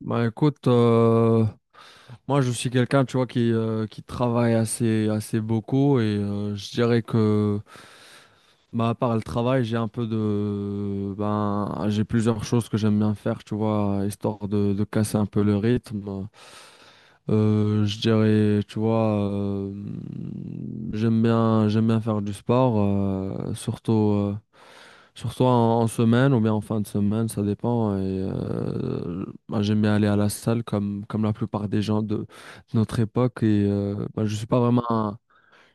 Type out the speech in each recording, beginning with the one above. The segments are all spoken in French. Bah écoute, moi je suis quelqu'un, tu vois, qui travaille assez beaucoup et je dirais que, bah, à part le travail, j'ai un peu de, ben, j'ai plusieurs choses que j'aime bien faire, tu vois, histoire de casser un peu le rythme. Je dirais, tu vois, j'aime bien faire du sport, surtout. Surtout en semaine ou bien en fin de semaine, ça dépend. Et, bah, j'aime bien aller à la salle comme la plupart des gens de notre époque. Et bah,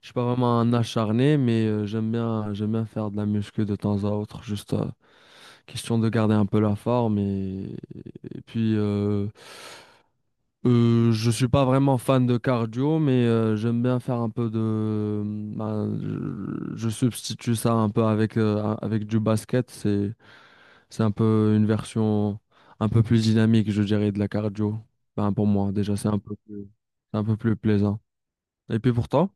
je suis pas vraiment un acharné, mais j'aime bien faire de la muscu de temps à autre, juste question de garder un peu la forme. Et puis, je suis pas vraiment fan de cardio, mais j'aime bien faire un peu de. Bah, je substitue ça un peu avec, avec du basket. C'est un peu une version un peu plus dynamique, je dirais, de la cardio. Ben, pour moi, déjà, c'est un peu plus plaisant. Et puis pour toi?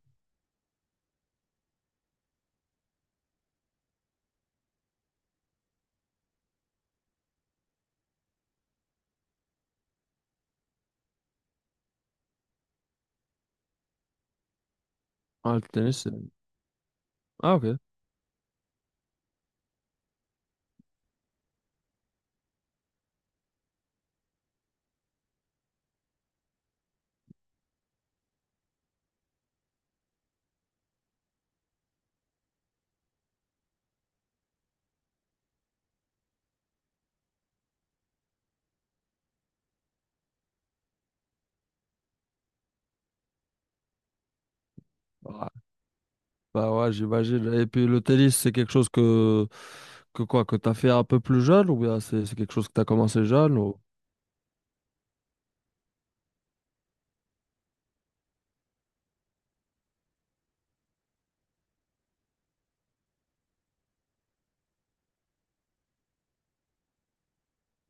Ah, le tennis. Ah, ok. Bah ouais, j'imagine. Et puis le tennis, c'est quelque chose que quoi, que t'as fait un peu plus jeune ou bien c'est quelque chose que t'as commencé jeune ou...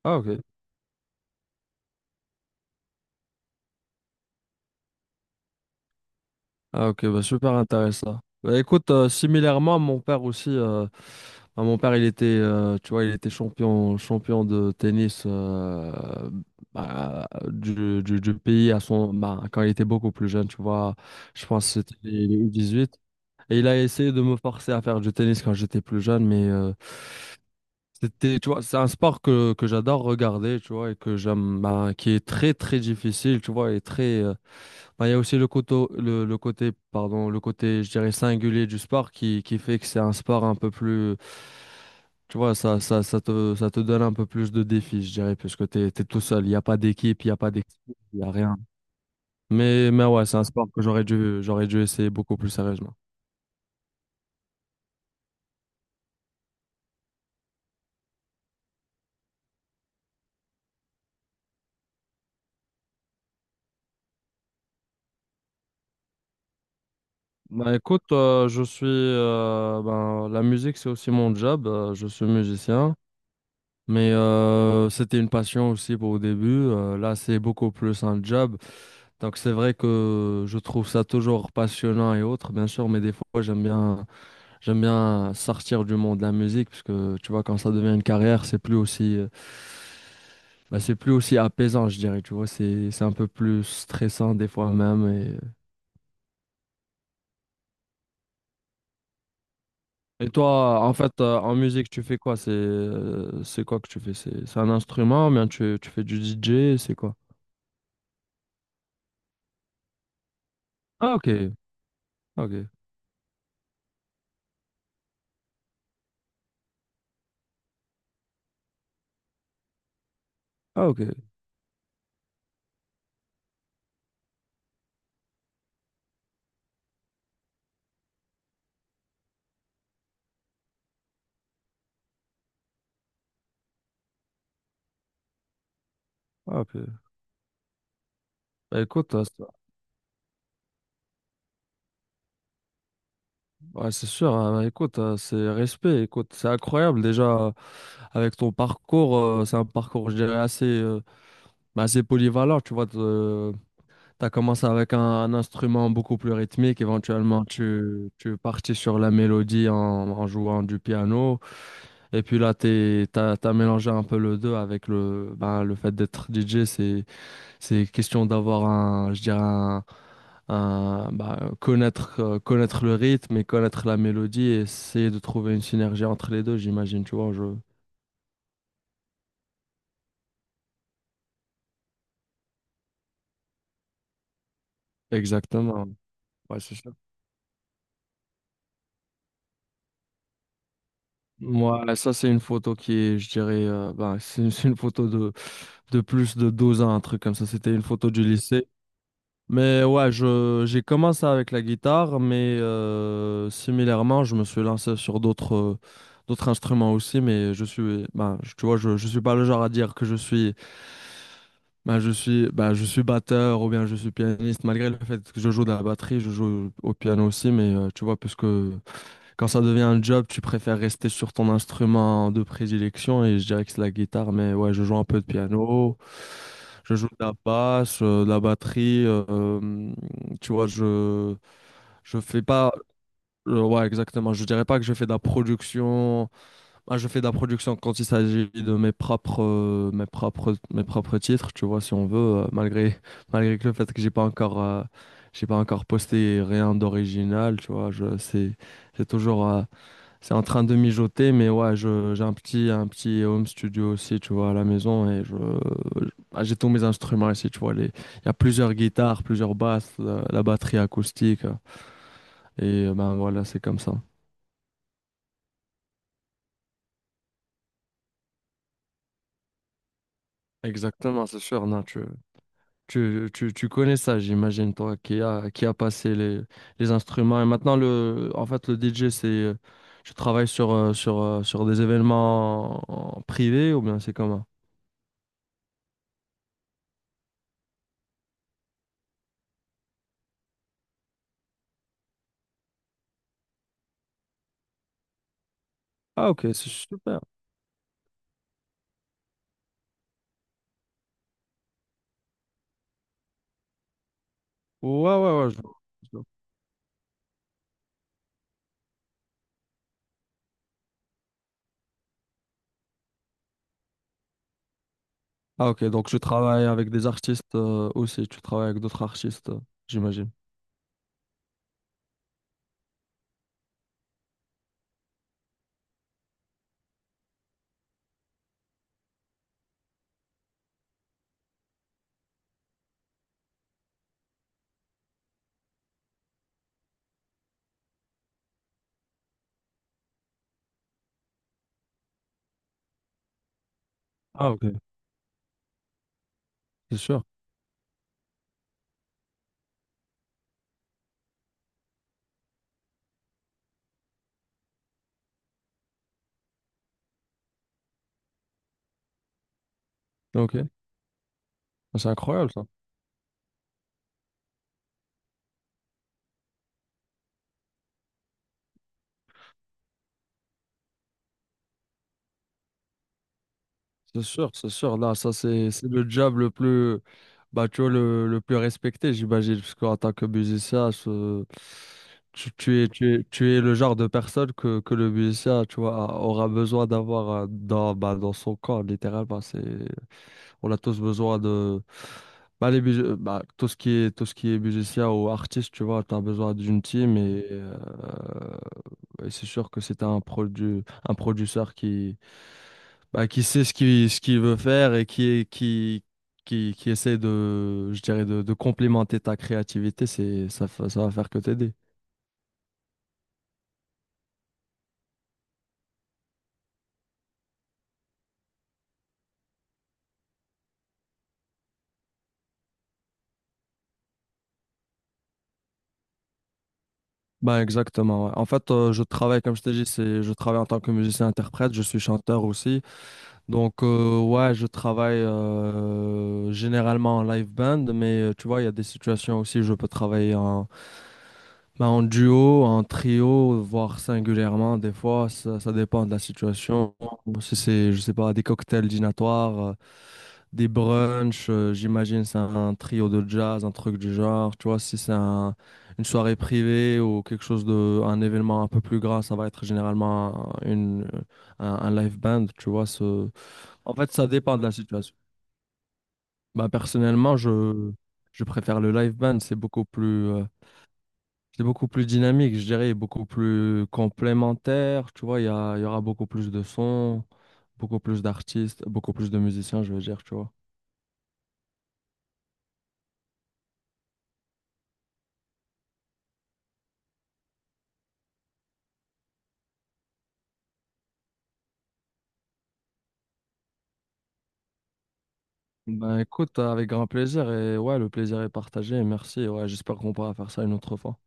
Ah ok. Ah ok, bah super intéressant. Bah écoute, similairement, mon père aussi, bah, mon père il était, tu vois, il était champion de tennis bah, du pays à son, bah, quand il était beaucoup plus jeune, tu vois, je pense que c'était les U18. Et il a essayé de me forcer à faire du tennis quand j'étais plus jeune, mais... C'était, tu vois, c'est un sport que j'adore regarder, tu vois, et que j'aime, bah, qui est très difficile, tu vois, et très, bah, il y a aussi le côté, le côté, pardon, le côté, je dirais, singulier du sport qui fait que c'est un sport un peu plus, tu vois, ça te donne un peu plus de défis, je dirais, puisque t'es tout seul, il n'y a pas d'équipe, il n'y a rien. Mais ouais, c'est un sport que j'aurais dû essayer beaucoup plus sérieusement. Bah écoute, je suis, ben, la musique, c'est aussi mon job, je suis musicien. Mais c'était une passion aussi pour au début. Là, c'est beaucoup plus un job. Donc, c'est vrai que je trouve ça toujours passionnant et autres, bien sûr. Mais des fois, j'aime bien sortir du monde de la musique parce que tu vois, quand ça devient une carrière, c'est plus aussi, bah, c'est plus aussi apaisant, je dirais. Tu vois, c'est un peu plus stressant des fois même. Et toi, en fait, en musique, tu fais quoi? C'est quoi que tu fais? C'est un instrument, ou bien tu fais du DJ, c'est quoi? Ah, ok, ok. Ah ok, ah ok. Bah écoute, c'est ouais, c'est sûr, hein. Bah, écoute, c'est respect, écoute, c'est incroyable déjà avec ton parcours, c'est un parcours je dirais assez, bah, assez polyvalent, tu vois, t'as commencé avec un instrument beaucoup plus rythmique, éventuellement tu es parti sur la mélodie en jouant du piano, et puis là t'as mélangé un peu le deux avec le, bah, le fait d'être DJ. C'est question d'avoir un, bah, connaître le rythme et connaître la mélodie et essayer de trouver une synergie entre les deux, j'imagine, tu vois, je... Exactement. Ouais, c'est ça. Moi, ça, c'est une photo qui est, je dirais, bah, c'est une photo de plus de 12 ans, un truc comme ça. C'était une photo du lycée. Mais ouais, j'ai commencé avec la guitare, mais similairement, je me suis lancé sur d'autres d'autres instruments aussi, mais je suis, tu vois, je suis pas le genre à dire que je suis, je suis batteur ou bien je suis pianiste, malgré le fait que je joue de la batterie, je joue au piano aussi, mais tu vois, puisque quand ça devient un job, tu préfères rester sur ton instrument de prédilection et je dirais que c'est la guitare, mais ouais, je joue un peu de piano, je joue de la basse, de la batterie, tu vois, je fais pas ouais, exactement, je dirais pas que je fais de la production. Je fais de la production quand il s'agit de mes propres mes propres titres, tu vois, si on veut malgré malgré que le fait que j'ai pas encore posté rien d'original, tu vois, je c'est toujours c'est en train de mijoter, mais ouais, un petit home studio aussi, tu vois, à la maison. Et j'ai tous mes instruments ici, tu vois. Il y a plusieurs guitares, plusieurs basses, la batterie acoustique. Et ben voilà, c'est comme ça. Exactement, c'est sûr. Non, tu connais ça, j'imagine, toi, qui a passé les instruments. Et maintenant, en fait, le DJ, tu travailles sur des événements en privés ou bien c'est comment? Ah, ok, c'est super. Ouais, ouais. Je- Ah ok, donc je travaille avec des artistes aussi, tu travailles avec d'autres artistes, j'imagine. Ah ok, c'est sûr. Ok, ah, c'est incroyable ça. C'est sûr, c'est sûr. Là, ça c'est le job le plus, bah, tu vois, le plus respecté, j'imagine, parce qu'en tant que musicien, tu es le genre de personne que le musicien, tu vois, aura besoin d'avoir dans, bah, dans son corps, littéralement. C'est on a tous besoin de bah, tout ce qui est musicien ou artiste, tu vois, tu as besoin d'une team et c'est sûr que c'est un produ un producteur qui bah, qui sait ce qu'il veut faire et qui est qui essaie de je dirais de complémenter ta créativité, ça va faire que t'aider. Bah exactement. Ouais. En fait, je travaille comme je t'ai dit, c'est je travaille en tant que musicien interprète, je suis chanteur aussi. Donc, ouais, je travaille généralement en live band, mais tu vois, il y a des situations aussi où je peux travailler bah, en duo, en trio, voire singulièrement. Des fois, ça dépend de la situation. Si c'est, je sais pas, des cocktails dînatoires, des brunchs, j'imagine c'est un trio de jazz, un truc du genre. Tu vois, si c'est un- une soirée privée ou quelque chose de, un événement un peu plus grand, ça va être généralement un live band, tu vois, ce. En fait, ça dépend de la situation. Bah, personnellement, je préfère le live band. C'est beaucoup plus dynamique, je dirais, beaucoup plus complémentaire. Tu vois, il y aura beaucoup plus de sons, beaucoup plus d'artistes, beaucoup plus de musiciens, je veux dire, tu vois. Ben écoute, avec grand plaisir. Et ouais, le plaisir est partagé. Merci. Ouais, j'espère qu'on pourra faire ça une autre fois.